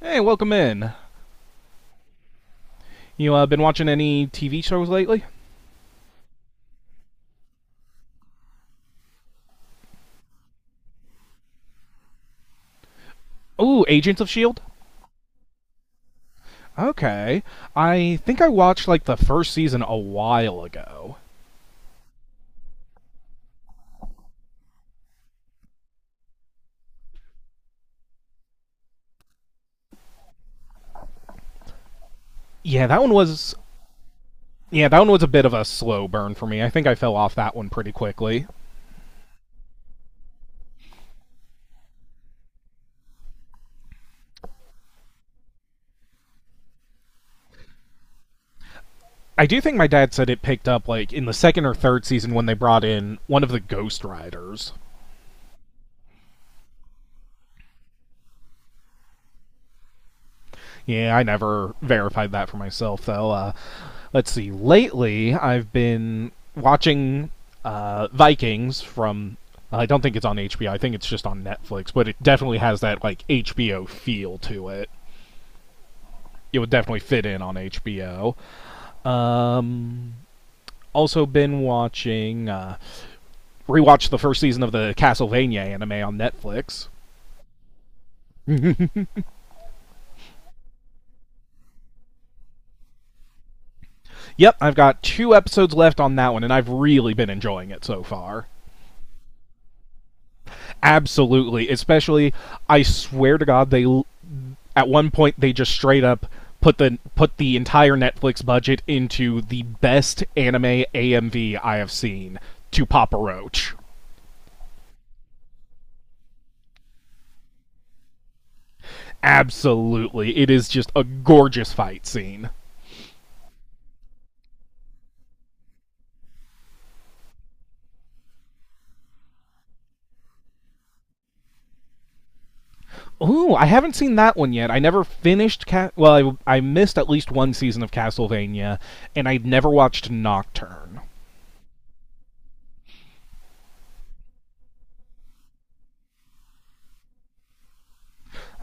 Hey, welcome in. You been watching any TV shows lately? Ooh, Agents of Shield. Okay, I think I watched like the first season a while ago. Yeah, that one was yeah, that one was a bit of a slow burn for me. I think I fell off that one pretty quickly. I do think my dad said it picked up like in the second or third season when they brought in one of the Ghost Riders. Yeah, I never verified that for myself though. Let's see. Lately, I've been watching Vikings from. I don't think it's on HBO. I think it's just on Netflix, but it definitely has that like HBO feel to it. It would definitely fit in on HBO. Um, Also been watching rewatched the first season of the Castlevania anime on Netflix. Yep, I've got two episodes left on that one, and I've really been enjoying it so far. Absolutely, especially I swear to God, they at one point they just straight up put the entire Netflix budget into the best anime AMV I have seen to Papa Roach. Absolutely, it is just a gorgeous fight scene. Ooh, I haven't seen that one yet. I never finished. Well, I missed at least one season of Castlevania, and I never watched Nocturne.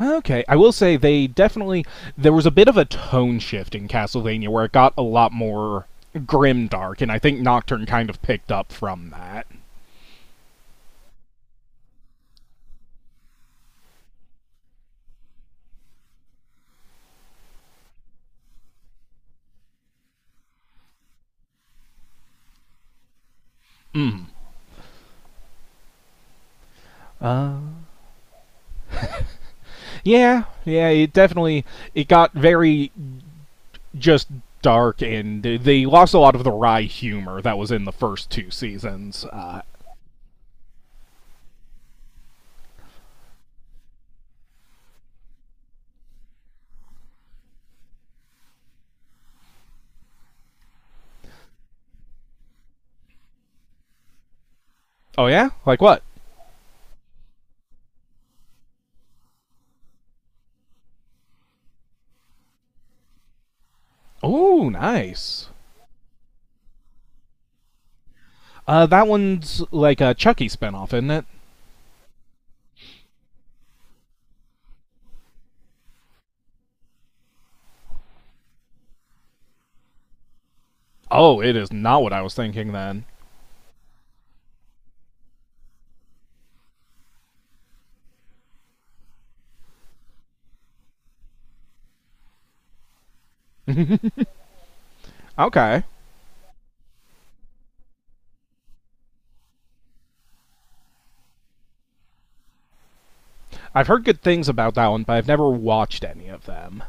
Okay, I will say they definitely there was a bit of a tone shift in Castlevania where it got a lot more grim dark, and I think Nocturne kind of picked up from that. Uh, yeah, it definitely it got very just dark, and they lost a lot of the wry humor that was in the first two seasons. Oh yeah, like what? Oh, nice. That one's like a Chucky spinoff, isn't it? Oh, it is not what I was thinking then. Okay. I've heard good things about that one, but I've never watched any of them.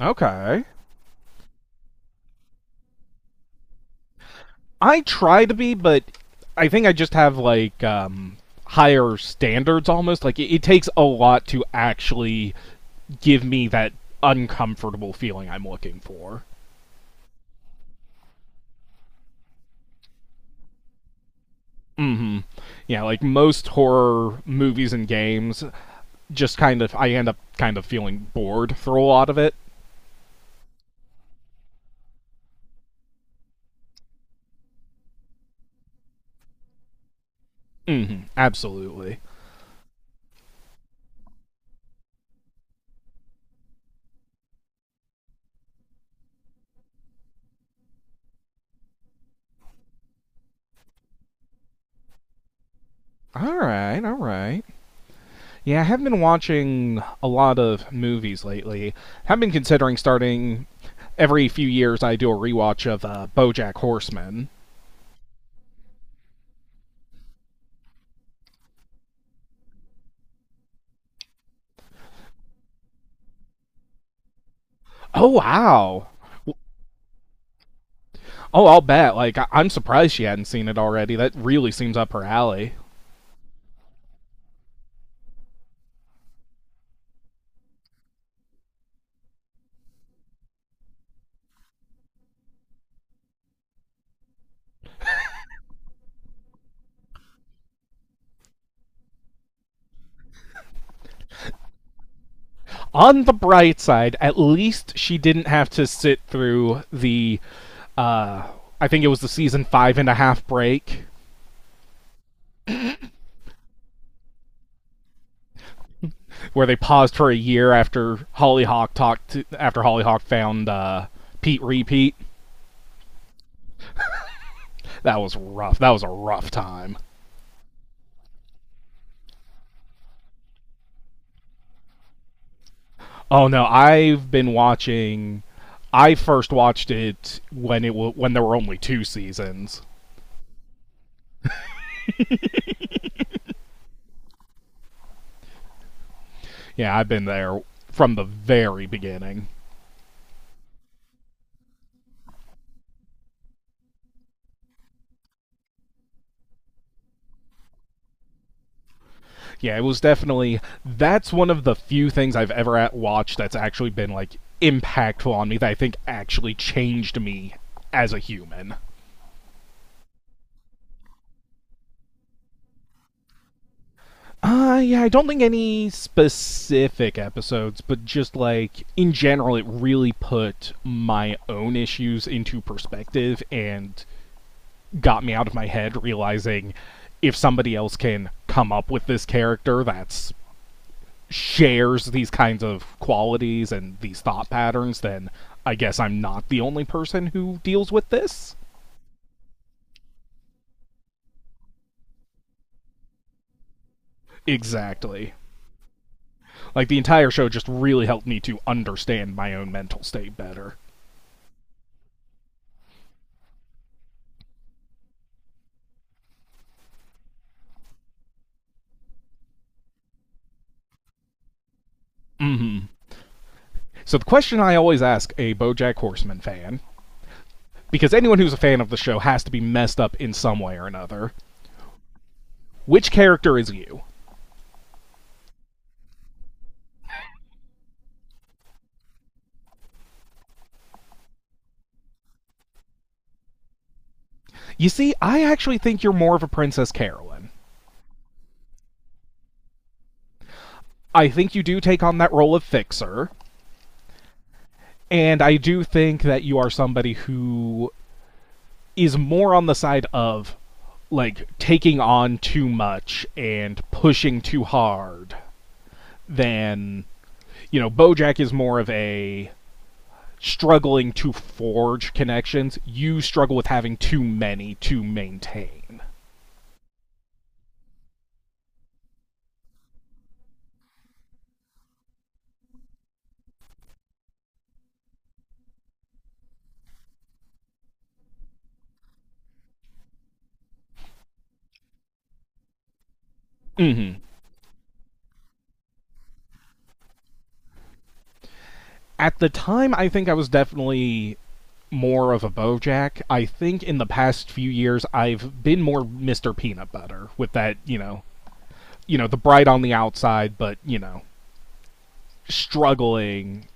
Okay. I try to be, but I think I just have like higher standards almost. Like it takes a lot to actually give me that uncomfortable feeling I'm looking for. Mhm. Yeah, like most horror movies and games just kind of I end up kind of feeling bored through a lot of it. Mhm. Absolutely. All right, all right. Yeah, I have been watching a lot of movies lately. I've been considering starting every few years I do a rewatch of BoJack Horseman. Oh wow! Oh, I'll bet. Like I'm surprised she hadn't seen it already. That really seems up her alley. On the bright side, at least she didn't have to sit through the uh, I think it was the season five and a half break where they paused for a year after Hollyhock talked to, after Hollyhock found Pete Repeat. That was rough. That was a rough time. Oh no, I've been watching. I first watched it when it when there were only two seasons. Yeah, I've been there from the very beginning. Yeah, it was definitely that's one of the few things I've ever watched that's actually been like impactful on me that I think actually changed me as a human. Yeah, I don't think any specific episodes, but just like in general, it really put my own issues into perspective and got me out of my head realizing if somebody else can come up with this character that's shares these kinds of qualities and these thought patterns, then I guess I'm not the only person who deals with this. Exactly. Like the entire show just really helped me to understand my own mental state better. Mm hmm. So the question I always ask a BoJack Horseman fan, because anyone who's a fan of the show has to be messed up in some way or another, which character is you? You see, I actually think you're more of a Princess Carolyn. I think you do take on that role of fixer, and I do think that you are somebody who is more on the side of like taking on too much and pushing too hard than you know bojack is more of a struggling to forge connections, you struggle with having too many to maintain. Hmm. At the time, I think I was definitely more of a Bojack. I think in the past few years, I've been more Mr. Peanut Butter with that, you know, the bright on the outside, but you know, struggling.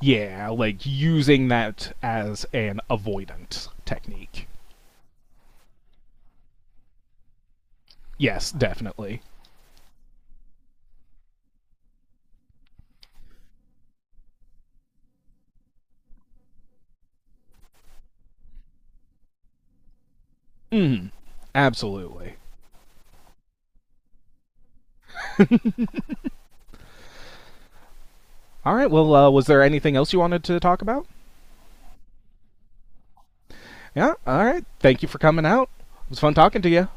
Yeah, like using that as an avoidant technique. Yes, definitely. Mm, absolutely. All right. Well, was there anything else you wanted to talk about? Yeah, all right. Thank you for coming out. It was fun talking to you.